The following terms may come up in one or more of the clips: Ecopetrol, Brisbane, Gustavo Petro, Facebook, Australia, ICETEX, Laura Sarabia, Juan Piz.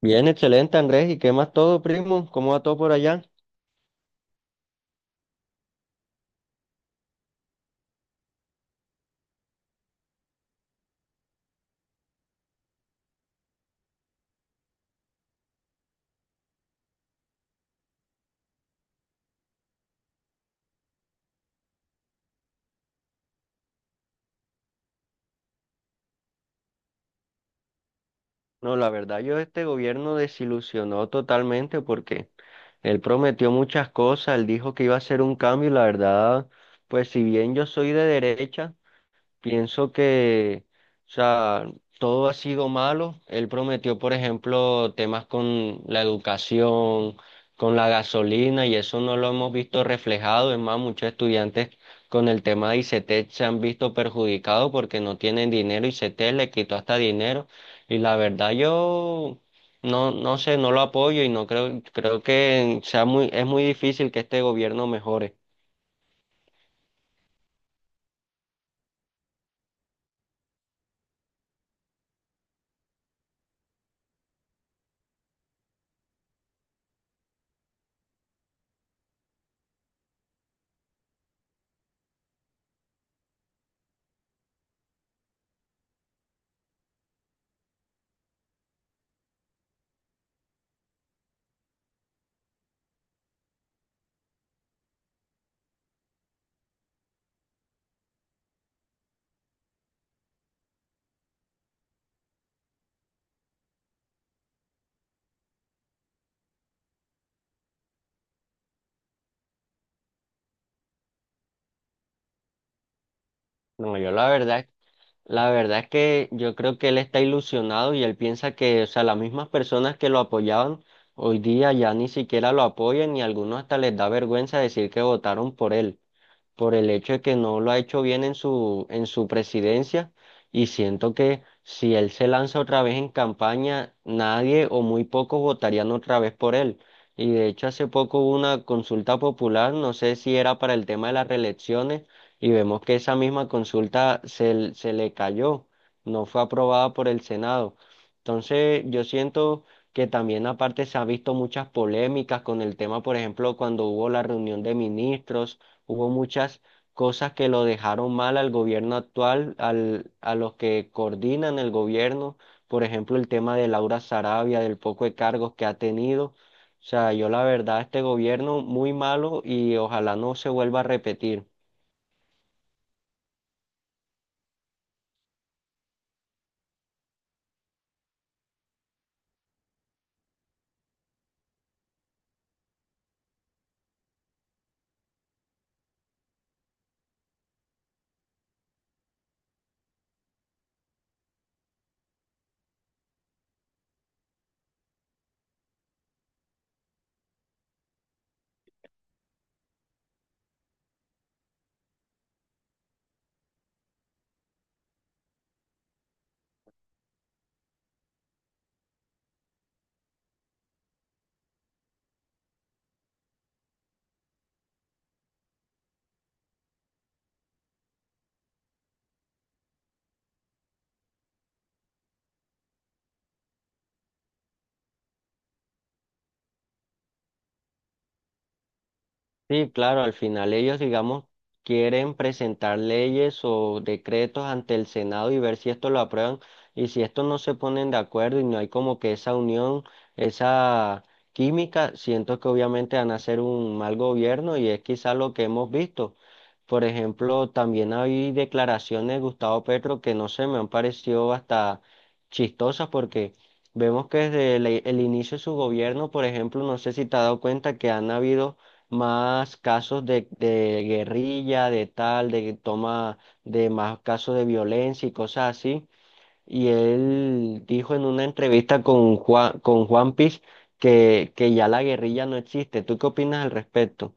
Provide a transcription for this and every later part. Bien, excelente Andrés. ¿Y qué más todo, primo? ¿Cómo va todo por allá? No, la verdad yo este gobierno desilusionó totalmente porque él prometió muchas cosas, él dijo que iba a hacer un cambio y la verdad, pues si bien yo soy de derecha, pienso que, o sea, todo ha sido malo. Él prometió, por ejemplo, temas con la educación, con la gasolina, y eso no lo hemos visto reflejado. Es más, muchos estudiantes con el tema de ICETEX se han visto perjudicados porque no tienen dinero. ICETEX le quitó hasta dinero. Y la verdad, yo no sé, no lo apoyo y no creo, creo que sea muy, es muy difícil que este gobierno mejore. No, yo la verdad. La verdad es que yo creo que él está ilusionado y él piensa que, o sea, las mismas personas que lo apoyaban hoy día ya ni siquiera lo apoyan y a algunos hasta les da vergüenza decir que votaron por él por el hecho de que no lo ha hecho bien en su presidencia y siento que si él se lanza otra vez en campaña, nadie o muy pocos votarían otra vez por él. Y de hecho hace poco hubo una consulta popular, no sé si era para el tema de las reelecciones, y vemos que esa misma consulta se, se le cayó, no fue aprobada por el Senado. Entonces yo siento que también aparte se ha visto muchas polémicas con el tema, por ejemplo, cuando hubo la reunión de ministros hubo muchas cosas que lo dejaron mal al gobierno actual, a los que coordinan el gobierno, por ejemplo, el tema de Laura Sarabia, del poco de cargos que ha tenido. O sea, yo la verdad, este gobierno muy malo y ojalá no se vuelva a repetir. Sí, claro, al final ellos, digamos, quieren presentar leyes o decretos ante el Senado y ver si esto lo aprueban y si esto no se ponen de acuerdo y no hay como que esa unión, esa química, siento que obviamente van a hacer un mal gobierno y es quizá lo que hemos visto. Por ejemplo, también hay declaraciones de Gustavo Petro que no sé, me han parecido hasta chistosas porque vemos que desde el inicio de su gobierno, por ejemplo, no sé si te has dado cuenta que han habido más casos de guerrilla, de tal, de toma, de más casos de violencia y cosas así. Y él dijo en una entrevista con Juan Piz que ya la guerrilla no existe. ¿Tú qué opinas al respecto?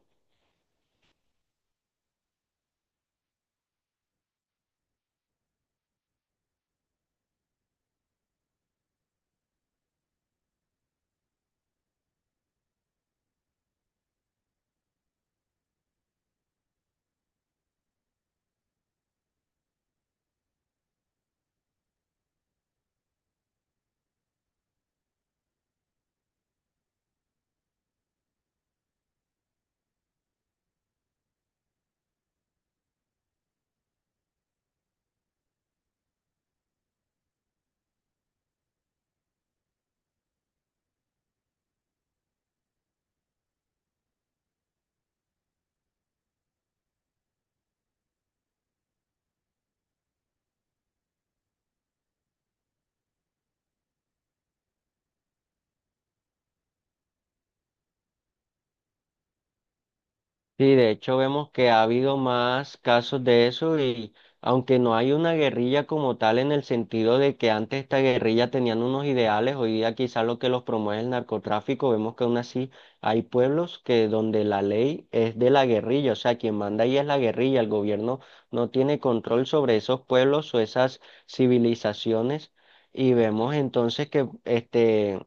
Sí, de hecho vemos que ha habido más casos de eso y aunque no hay una guerrilla como tal en el sentido de que antes esta guerrilla tenían unos ideales, hoy día quizás lo que los promueve es el narcotráfico, vemos que aún así hay pueblos que donde la ley es de la guerrilla, o sea, quien manda ahí es la guerrilla, el gobierno no tiene control sobre esos pueblos o esas civilizaciones y vemos entonces que este.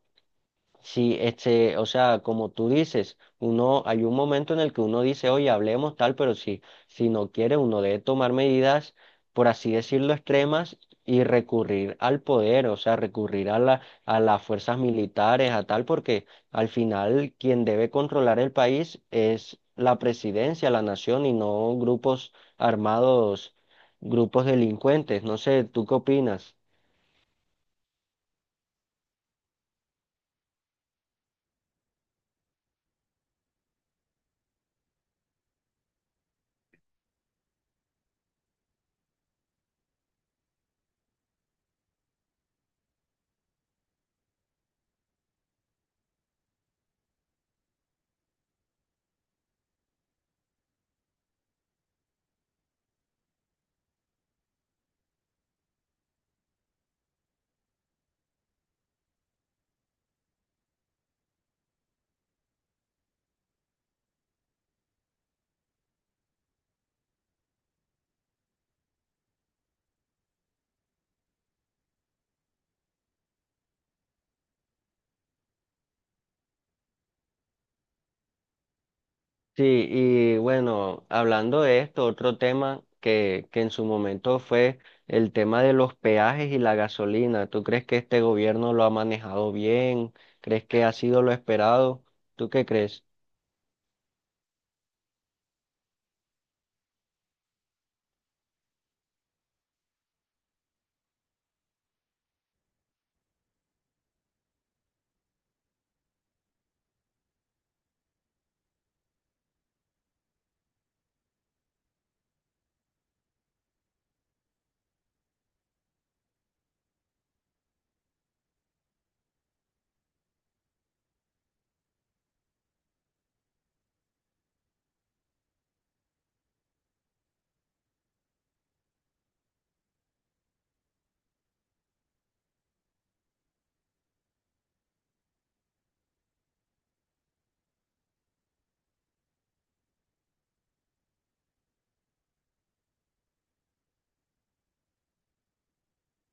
Sí, este, o sea, como tú dices, uno, hay un momento en el que uno dice, oye, hablemos tal, pero si, si no quiere, uno debe tomar medidas, por así decirlo, extremas y recurrir al poder, o sea, recurrir a las fuerzas militares, a tal, porque al final quien debe controlar el país es la presidencia, la nación y no grupos armados, grupos delincuentes. No sé, ¿tú qué opinas? Sí, y bueno, hablando de esto, otro tema que en su momento fue el tema de los peajes y la gasolina. ¿Tú crees que este gobierno lo ha manejado bien? ¿Crees que ha sido lo esperado? ¿Tú qué crees?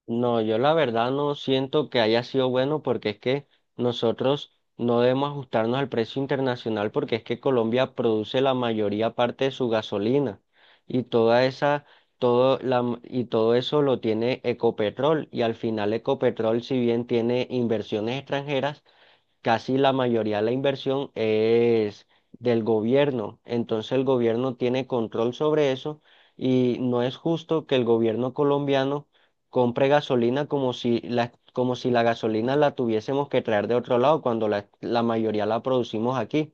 No, yo la verdad no siento que haya sido bueno porque es que nosotros no debemos ajustarnos al precio internacional porque es que Colombia produce la mayoría parte de su gasolina y toda esa, y todo eso lo tiene Ecopetrol y al final Ecopetrol si bien tiene inversiones extranjeras casi la mayoría de la inversión es del gobierno. Entonces el gobierno tiene control sobre eso y no es justo que el gobierno colombiano compre gasolina como si la gasolina la tuviésemos que traer de otro lado cuando la mayoría la producimos aquí.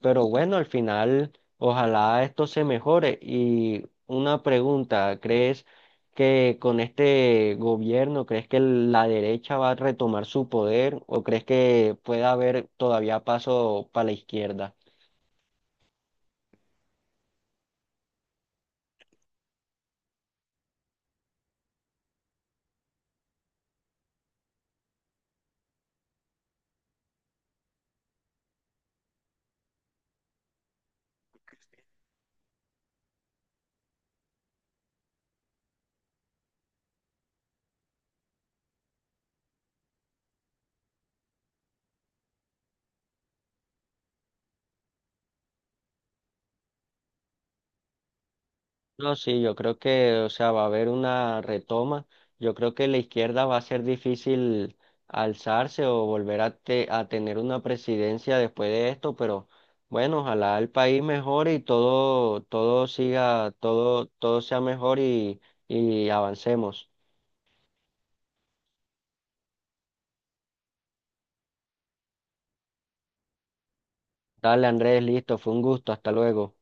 Pero bueno, al final, ojalá esto se mejore. Y una pregunta, ¿crees que con este gobierno, crees que la derecha va a retomar su poder o crees que pueda haber todavía paso para la izquierda? No, sí, yo creo que, o sea, va a haber una retoma. Yo creo que la izquierda va a ser difícil alzarse o volver a, a tener una presidencia después de esto, pero bueno, ojalá el país mejore y todo, todo siga, todo, todo sea mejor y avancemos. Dale, Andrés, listo, fue un gusto, hasta luego.